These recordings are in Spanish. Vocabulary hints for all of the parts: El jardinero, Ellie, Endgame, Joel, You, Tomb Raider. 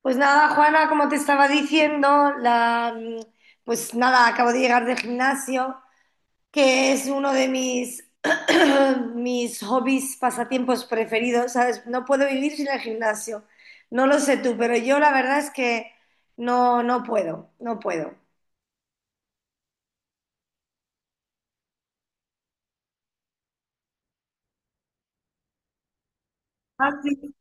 Pues nada, Juana, como te estaba diciendo, pues nada, acabo de llegar del gimnasio, que es uno de mis, mis hobbies, pasatiempos preferidos, ¿sabes? No puedo vivir sin el gimnasio. No lo sé tú, pero yo la verdad es que no puedo, no puedo. Ah, sí.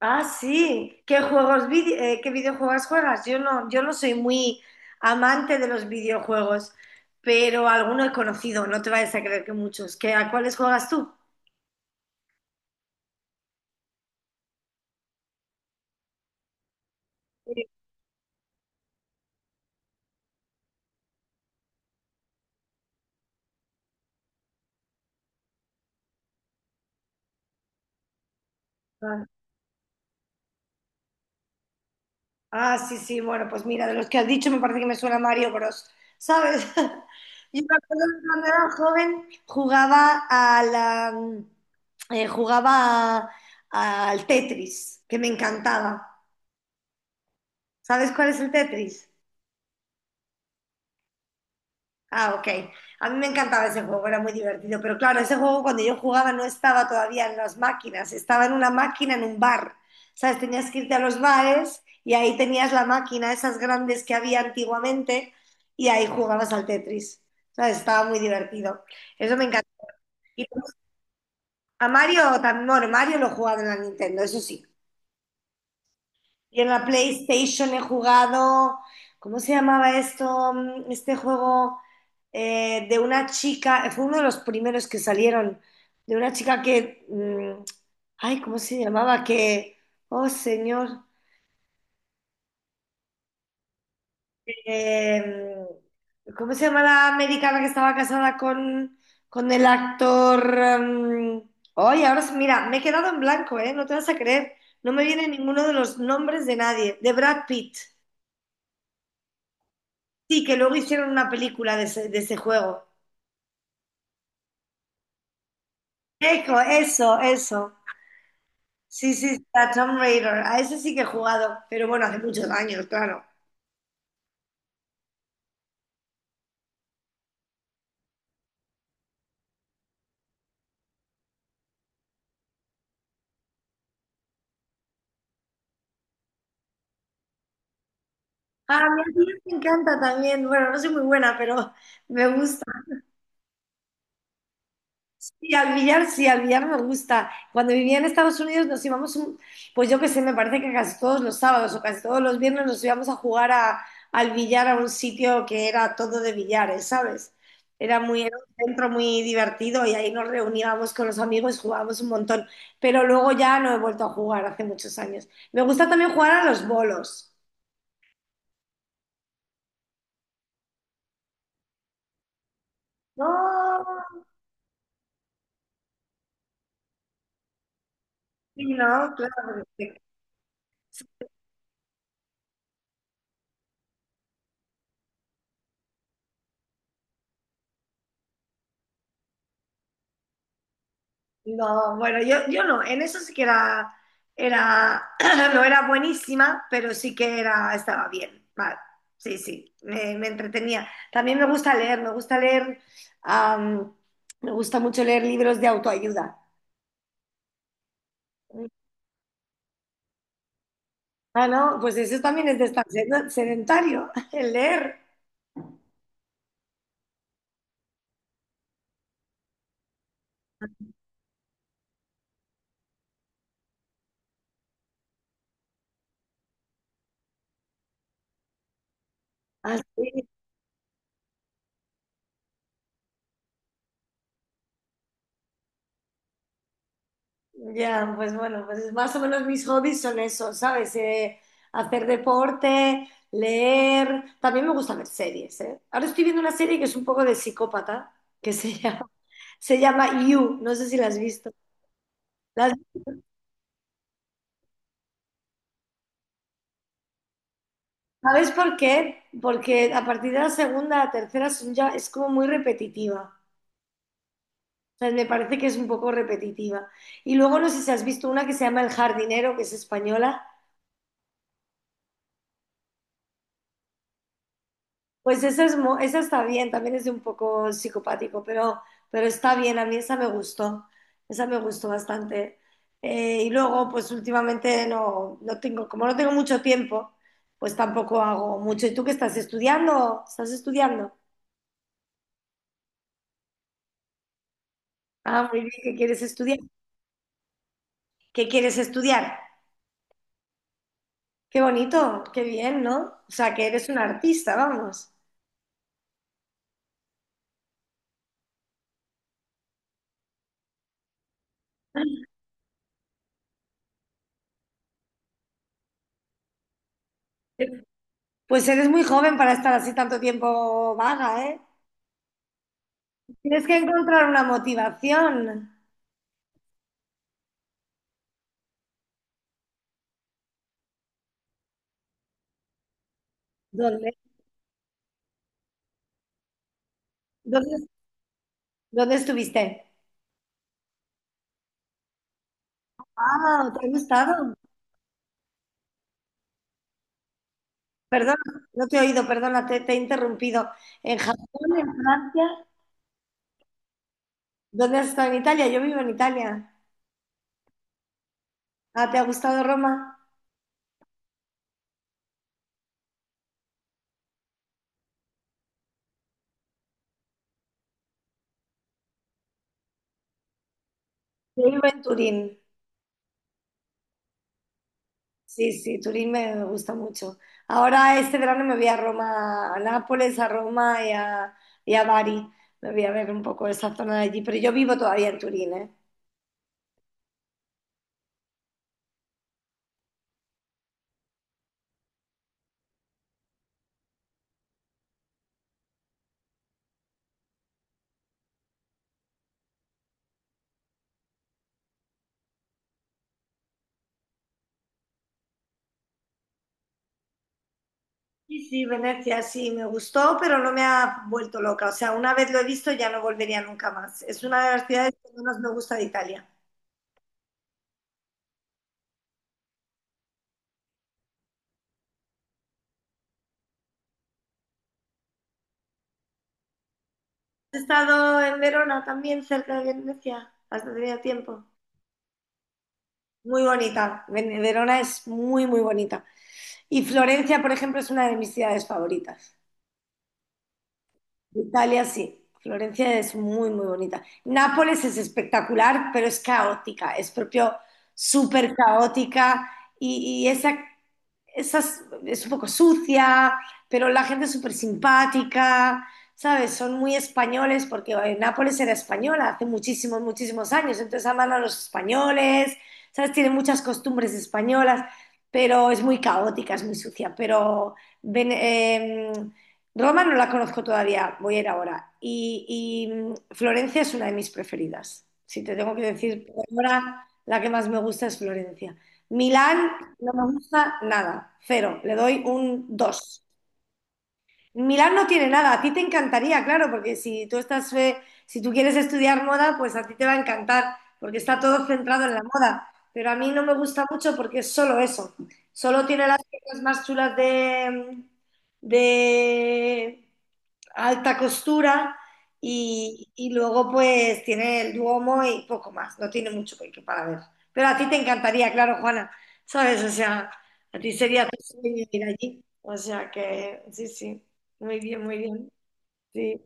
Ah, sí. ¿Qué juegos, qué videojuegos juegas? Yo no soy muy amante de los videojuegos, pero alguno he conocido, no te vayas a creer que muchos. ¿Qué, a cuáles juegas tú? Sí. Ah, ah, sí, sí, bueno, pues mira, de los que has dicho me parece que me suena Mario Bros, ¿sabes? Yo me acuerdo que cuando era joven jugaba a jugaba al Tetris, que me encantaba. ¿Sabes cuál es el Tetris? Ah, ok. A mí me encantaba ese juego, era muy divertido. Pero claro, ese juego cuando yo jugaba no estaba todavía en las máquinas, estaba en una máquina en un bar. ¿Sabes? Tenías que irte a los bares y ahí tenías la máquina, esas grandes que había antiguamente, y ahí jugabas al Tetris. ¿Sabes? Estaba muy divertido. Eso me encanta. Y a Mario también, bueno, Mario lo jugaba en la Nintendo, eso sí. Y en la PlayStation he jugado, ¿cómo se llamaba esto? Este juego de una chica, fue uno de los primeros que salieron, de una chica que, ay, ¿cómo se llamaba? Que, oh señor, eh, ¿cómo se llama la americana que estaba casada con el actor? Ay, ahora sí, mira, me he quedado en blanco, ¿eh? No te vas a creer, no me viene ninguno de los nombres de nadie, de Brad Pitt. Sí, que luego hicieron una película de ese juego. Eco, eso, eso. Sí, sí, sí, Tomb Raider. A ese sí que he jugado, pero bueno, hace muchos años, claro. Ah, a mí me encanta también. Bueno, no soy muy buena, pero me gusta. Y al billar, sí, al billar me gusta. Cuando vivía en Estados Unidos nos íbamos, pues yo qué sé, me parece que casi todos los sábados o casi todos los viernes nos íbamos a jugar al billar a un sitio que era todo de billares, ¿sabes? Era muy, era un centro muy divertido y ahí nos reuníamos con los amigos, y jugábamos un montón. Pero luego ya no he vuelto a jugar hace muchos años. Me gusta también jugar a los bolos. No, sí, no, claro. No, bueno, yo no, en eso sí que era, era, no era buenísima, pero sí que era, estaba bien, vale, sí, sí, me entretenía. También me gusta leer, me gusta leer, am, me gusta mucho leer libros de autoayuda. Ah, no, pues eso también es de estar sedentario, el leer. Así. Ya, pues bueno, pues más o menos mis hobbies son esos, ¿sabes? Hacer deporte, leer. También me gusta ver series, ¿eh? Ahora estoy viendo una serie que es un poco de psicópata, que se llama, se llama You. No sé si la has visto. ¿La ¿Sabes por qué? Porque a partir de la segunda, la tercera son ya, es como muy repetitiva. O sea, me parece que es un poco repetitiva. Y luego no sé si has visto una que se llama El jardinero, que es española. Pues esa, es, esa está bien, también es de un poco psicopático, pero está bien, a mí esa me gustó bastante. Y luego, pues últimamente no tengo, como no tengo mucho tiempo, pues tampoco hago mucho. ¿Y tú qué estás estudiando? ¿Estás estudiando? Ah, muy bien, ¿qué quieres estudiar? ¿Qué quieres estudiar? Qué bonito, qué bien, ¿no? O sea, que eres un artista, vamos. Pues eres muy joven para estar así tanto tiempo vaga, ¿eh? Tienes que encontrar una motivación. ¿Dónde? ¿Dónde, ¿dónde estuviste? Ah, ¿te ha gustado? Perdón, no te he oído, perdona, te he interrumpido. ¿En Japón, en Francia? ¿Dónde has estado en Italia? Yo vivo en Italia. Ah, ¿te ha gustado Roma? Yo vivo en Turín. Sí, sí, Turín me gusta mucho. Ahora este verano me voy a Roma, a Nápoles, a Roma y a Bari. Me voy a ver un poco esa zona de allí, pero yo vivo todavía en Turín, ¿eh? Sí, sí, Venecia, sí, me gustó, pero no me ha vuelto loca. O sea, una vez lo he visto, ya no volvería nunca más. Es una de las ciudades que menos me gusta de Italia. ¿Has estado en Verona también, cerca de Venecia? ¿Has tenido tiempo? Muy bonita. Ven- Verona es muy, muy bonita. Y Florencia, por ejemplo, es una de mis ciudades favoritas. Italia, sí. Florencia es muy, muy bonita. Nápoles es espectacular, pero es caótica. Es propio súper caótica. Y, y esa esas, es un poco sucia, pero la gente es súper simpática, ¿sabes? Son muy españoles porque Nápoles era española hace muchísimos, muchísimos años, entonces aman a los españoles, ¿sabes? Tienen muchas costumbres españolas, pero es muy caótica, es muy sucia, pero Ven- eh, Roma no la conozco todavía, voy a ir ahora. Florencia es una de mis preferidas. Si te tengo que decir, por ahora la que más me gusta es Florencia. Milán no me gusta nada, cero, le doy un dos. Milán no tiene nada, a ti te encantaría, claro, porque si tú estás, si tú quieres estudiar moda, pues a ti te va a encantar, porque está todo centrado en la moda. Pero a mí no me gusta mucho porque es solo eso. Solo tiene las piezas más chulas de alta costura y luego pues tiene el Duomo y poco más. No tiene mucho para ver. Pero a ti te encantaría, claro, Juana, ¿sabes? O sea, a ti sería tu sueño ir allí. O sea que sí, sí. Muy bien, muy bien. Sí.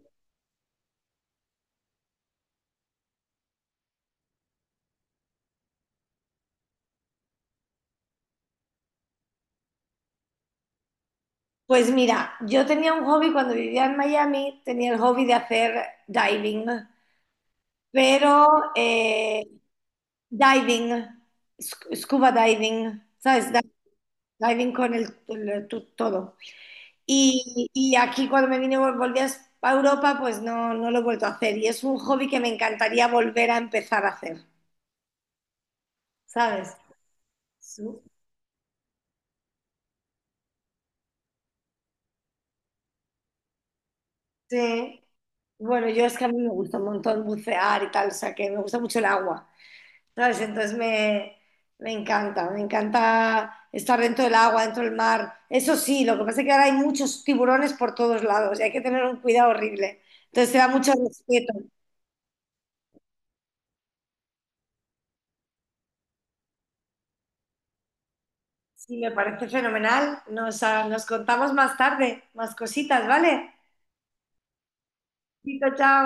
Pues mira, yo tenía un hobby cuando vivía en Miami, tenía el hobby de hacer diving, pero eh, diving, scuba diving, ¿sabes? Diving con todo. Aquí cuando me vine, volví a a Europa, pues no lo he vuelto a hacer. Y es un hobby que me encantaría volver a empezar a hacer, ¿sabes? Su- Sí. Bueno, yo es que a mí me gusta un montón bucear y tal, o sea que me gusta mucho el agua. ¿Sabes? Me encanta estar dentro del agua, dentro del mar. Eso sí, lo que pasa es que ahora hay muchos tiburones por todos lados y hay que tener un cuidado horrible. Entonces te da mucho respeto. Sí, me parece fenomenal. Nos contamos más tarde, más cositas, ¿vale? Chao, chao.